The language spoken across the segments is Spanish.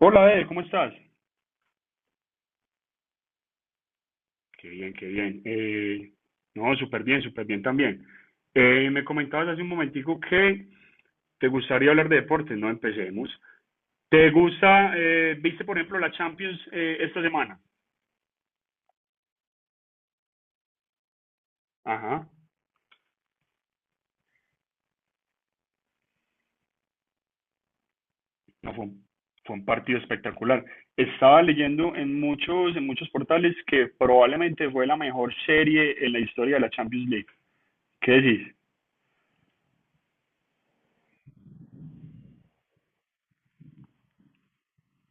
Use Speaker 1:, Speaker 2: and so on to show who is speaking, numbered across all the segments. Speaker 1: Hola, Ed, ¿cómo estás? Qué bien, qué bien. No, súper bien también. Me comentabas hace un momentico que te gustaría hablar de deportes, ¿no? Empecemos. ¿Te gusta, viste por ejemplo la Champions esta semana? Ajá, no, fue un partido espectacular. Estaba leyendo en muchos portales que probablemente fue la mejor serie en la historia de la Champions League. ¿Qué decís?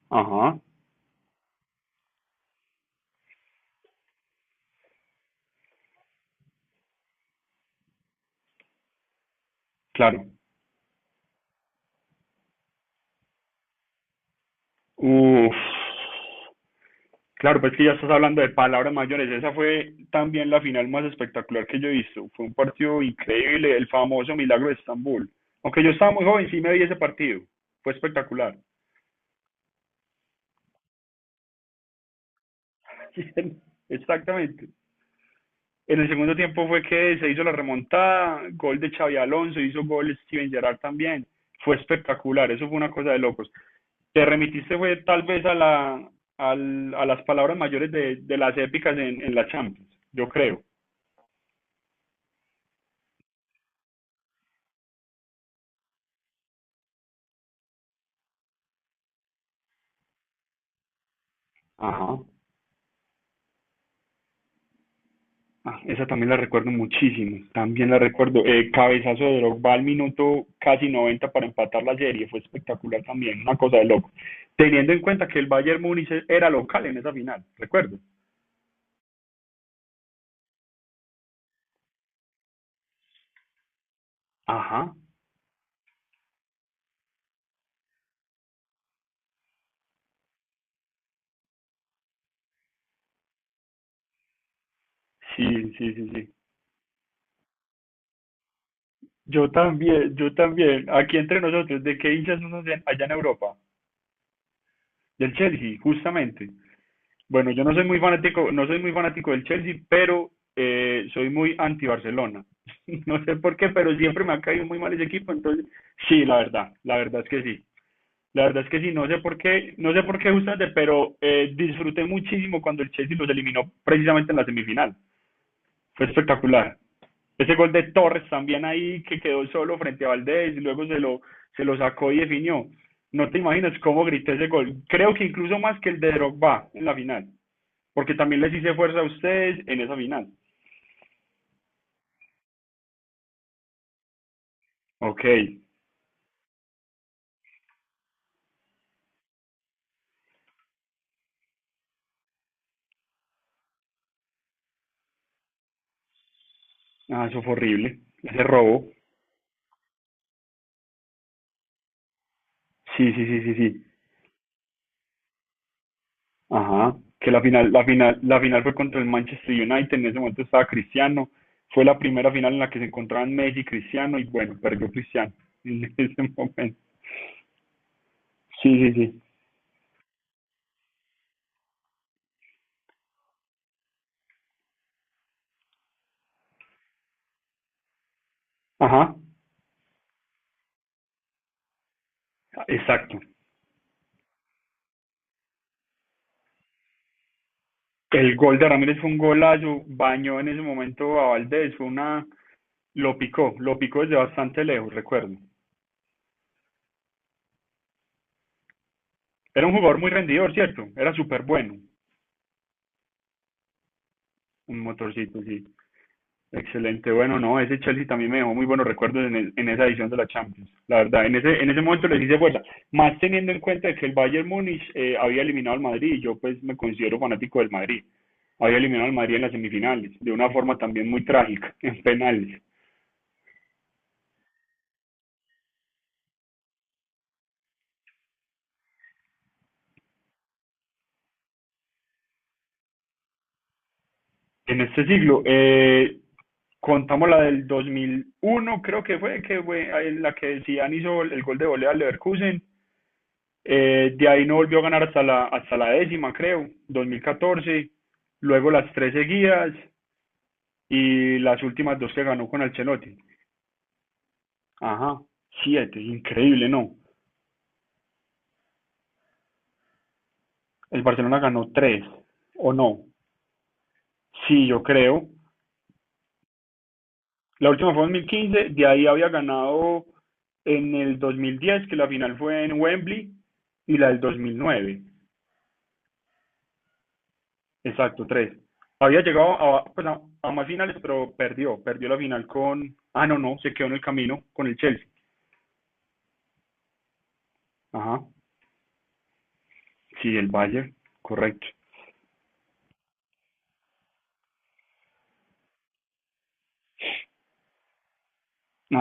Speaker 1: Ajá, claro. Uf. Claro, pues que ya estás hablando de palabras mayores. Esa fue también la final más espectacular que yo he visto. Fue un partido increíble, el famoso Milagro de Estambul. Aunque yo estaba muy joven, sí me vi ese partido. Fue espectacular. Exactamente. En el segundo tiempo fue que se hizo la remontada, gol de Xavi Alonso, hizo gol Steven Gerrard también. Fue espectacular, eso fue una cosa de locos. Te remitiste fue tal vez a la a las palabras mayores de las épicas en la Champions, yo creo. Ajá. Ah, esa también la recuerdo muchísimo, también la recuerdo. Cabezazo de Drogba al minuto casi 90 para empatar la serie, fue espectacular también, una cosa de loco. Teniendo en cuenta que el Bayern Múnich era local en esa final, recuerdo. Ajá, sí, sí, sí, sí. Yo también, yo también. Aquí entre nosotros, ¿de qué hinchas son allá allá en Europa? Del Chelsea, justamente. Bueno, yo no soy muy fanático, no soy muy fanático del Chelsea, pero soy muy anti Barcelona. No sé por qué, pero siempre me ha caído muy mal ese equipo, entonces sí, la verdad es que sí. La verdad es que sí, no sé por qué, no sé por qué justamente, pero disfruté muchísimo cuando el Chelsea los eliminó precisamente en la semifinal. Fue espectacular. Ese gol de Torres también ahí que quedó solo frente a Valdés y luego se lo sacó y definió. No te imaginas cómo grité ese gol. Creo que incluso más que el de Drogba en la final. Porque también les hice fuerza a ustedes en esa final. Ok. Ah, eso fue horrible. Ese robo. Sí, sí, sí, sí, sí. Ajá. Que la final, la final, la final fue contra el Manchester United. En ese momento estaba Cristiano. Fue la primera final en la que se encontraban Messi y Cristiano. Y bueno, perdió Cristiano en ese momento. Sí, sí, sí. Ajá. Exacto. El gol de Ramírez fue un golazo. Bañó en ese momento a Valdés. Fue una. Lo picó. Lo picó desde bastante lejos, recuerdo. Era un jugador muy rendidor, ¿cierto? Era súper bueno. Un motorcito, sí. Excelente. Bueno, no, ese Chelsea también me dejó muy buenos recuerdos en esa edición de la Champions. La verdad, en ese momento les hice fuerza. Más teniendo en cuenta que el Bayern Múnich había eliminado al Madrid y yo pues me considero fanático del Madrid. Había eliminado al Madrid en las semifinales, de una forma también muy trágica, en penales. En este siglo, contamos la del 2001, creo que fue, la que Zidane hizo el gol de volea al Leverkusen. De ahí no volvió a ganar hasta la décima, creo, 2014. Luego las tres seguidas y las últimas dos que ganó con Ancelotti. Ajá, siete, increíble, ¿no? El Barcelona ganó tres, ¿o no? Sí, yo creo. La última fue en 2015. De ahí había ganado en el 2010, que la final fue en Wembley, y la del 2009. Exacto, tres. Había llegado a, pues a más finales, pero perdió. Perdió la final con. Ah, no, no, se quedó en el camino con el Chelsea. Ajá, sí, el Bayern, correcto.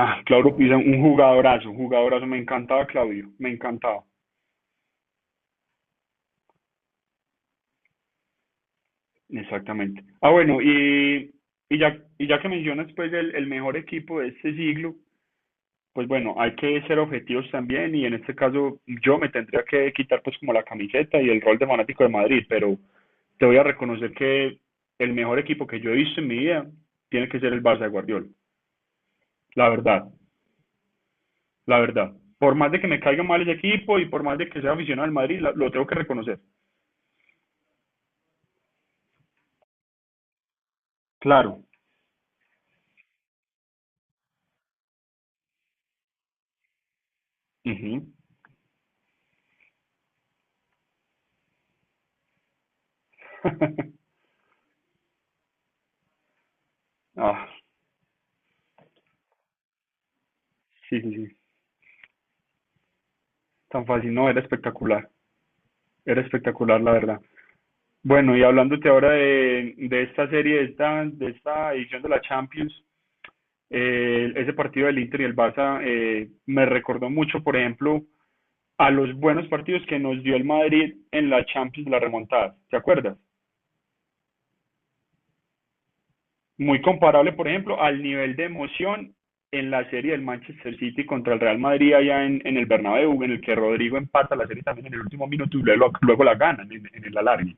Speaker 1: Ah, Claudio Pisa, un jugadorazo, un jugadorazo. Me encantaba Claudio, me encantaba. Exactamente. Ah, bueno, y ya que mencionas pues el mejor equipo de este siglo, pues bueno, hay que ser objetivos también y en este caso yo me tendría que quitar pues como la camiseta y el rol de fanático de Madrid, pero te voy a reconocer que el mejor equipo que yo he visto en mi vida tiene que ser el Barça de Guardiola. La verdad, la verdad. Por más de que me caiga mal ese equipo y por más de que sea aficionado al Madrid, lo tengo que reconocer. Claro. Ujú. ah, sí, sí, sí. Tan fácil, no, era espectacular. Era espectacular, la verdad. Bueno, y hablándote ahora de esta serie, de esta edición de la Champions, ese partido del Inter y el Barça me recordó mucho, por ejemplo, a los buenos partidos que nos dio el Madrid en la Champions, la remontada, ¿te acuerdas? Muy comparable, por ejemplo, al nivel de emoción en la serie del Manchester City contra el Real Madrid allá en el Bernabéu, en el que Rodrigo empata la serie también en el último minuto y luego la gana en el alargue.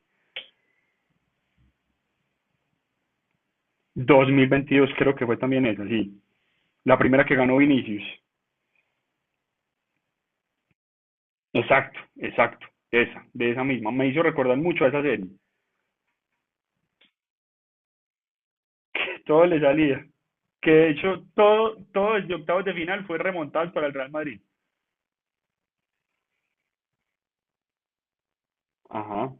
Speaker 1: 2022 creo que fue también esa, sí. La primera que ganó Vinicius. Exacto, exacto, esa, de esa misma. Me hizo recordar mucho a esa serie. Que todo le salía. Que de hecho, todo, todo desde octavos de final fue remontado para el Real Madrid. Ajá,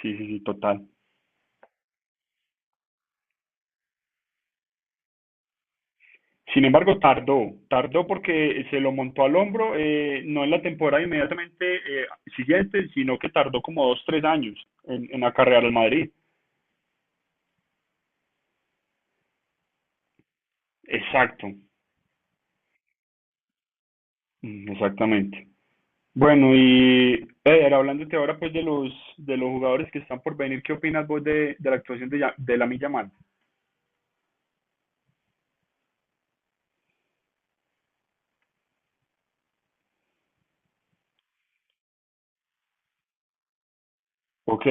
Speaker 1: sí, sí, sí, total. Sin embargo, tardó porque se lo montó al hombro, no en la temporada inmediatamente siguiente, sino que tardó como dos, tres años en acarrear al Madrid. Exacto, mm, exactamente. Bueno, y Eder, hablándote ahora pues de los jugadores que están por venir, ¿qué opinas vos de la actuación de Lamine Yamal? Ok,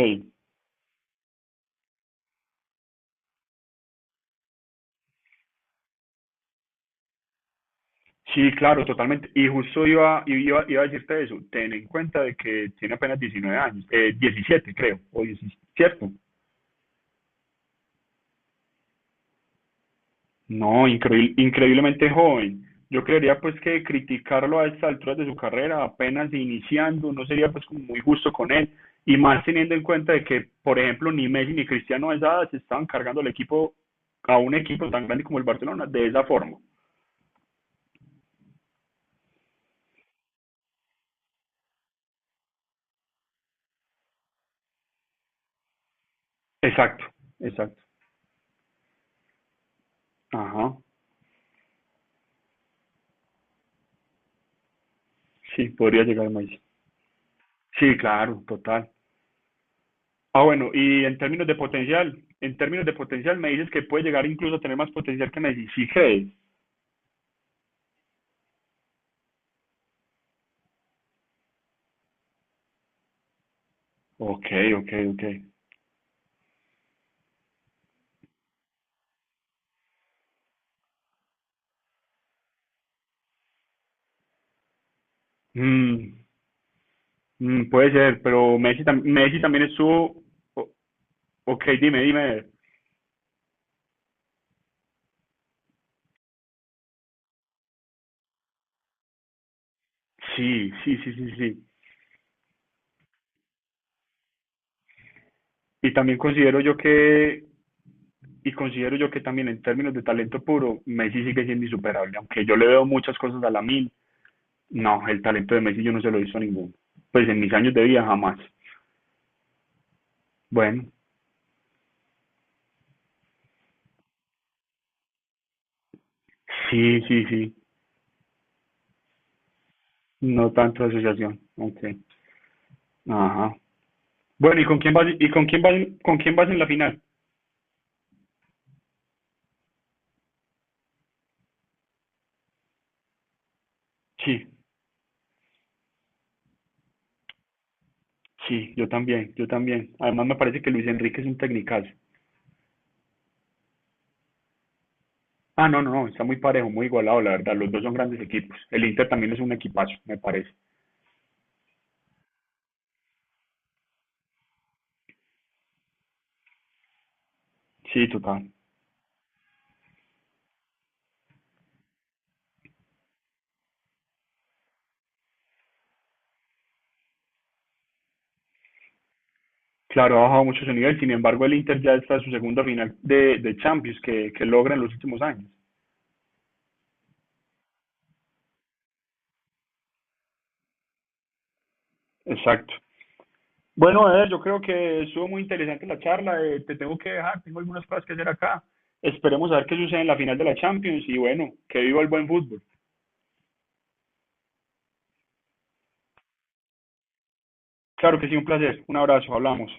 Speaker 1: sí, claro, totalmente. Y justo iba a decirte eso. Ten en cuenta de que tiene apenas 19 años, 17 creo, o 17, ¿cierto? No, increíble, increíblemente joven. Yo creería pues que criticarlo a estas alturas de su carrera, apenas iniciando, no sería pues como muy justo con él. Y más teniendo en cuenta de que, por ejemplo, ni Messi ni Cristiano a esa edad se estaban cargando el equipo a un equipo tan grande como el Barcelona de esa forma. Exacto, exacto. Ajá, sí, podría llegar más. Sí, claro, total. Ah, bueno, y en términos de potencial, en términos de potencial me dices que puede llegar incluso a tener más potencial que Messi, ¿sí crees? Ok, ok, ok. Mm, puede ser, pero Messi también estuvo... o- Ok, dime, dime. Sí, sí, sí, sí, sí. Y también considero yo que, y considero yo que también en términos de talento puro, Messi sigue siendo insuperable. Aunque yo le veo muchas cosas a Lamine, no, el talento de Messi yo no se lo he visto a ninguno. Pues en mis años de vida jamás. Bueno, sí, sí, sí. No tanto asociación. Ok. Ajá. Bueno, ¿y con quién vas, y con quién vas en la final? Sí, sí, yo también, yo también. Además me parece que Luis Enrique es un tecnicazo. Ah, no, no, no, está muy parejo, muy igualado, la verdad. Los dos son grandes equipos. El Inter también es un equipazo, me parece. Sí, total. Claro, ha bajado mucho su nivel. Sin embargo, el Inter ya está en su segunda final de Champions que logra en los últimos años. Exacto. Bueno, Eder, yo creo que estuvo muy interesante la charla. Te tengo que dejar, tengo algunas cosas que hacer acá. Esperemos a ver qué sucede en la final de la Champions y bueno, que viva el buen fútbol. Claro que sí, un placer. Un abrazo, hablamos.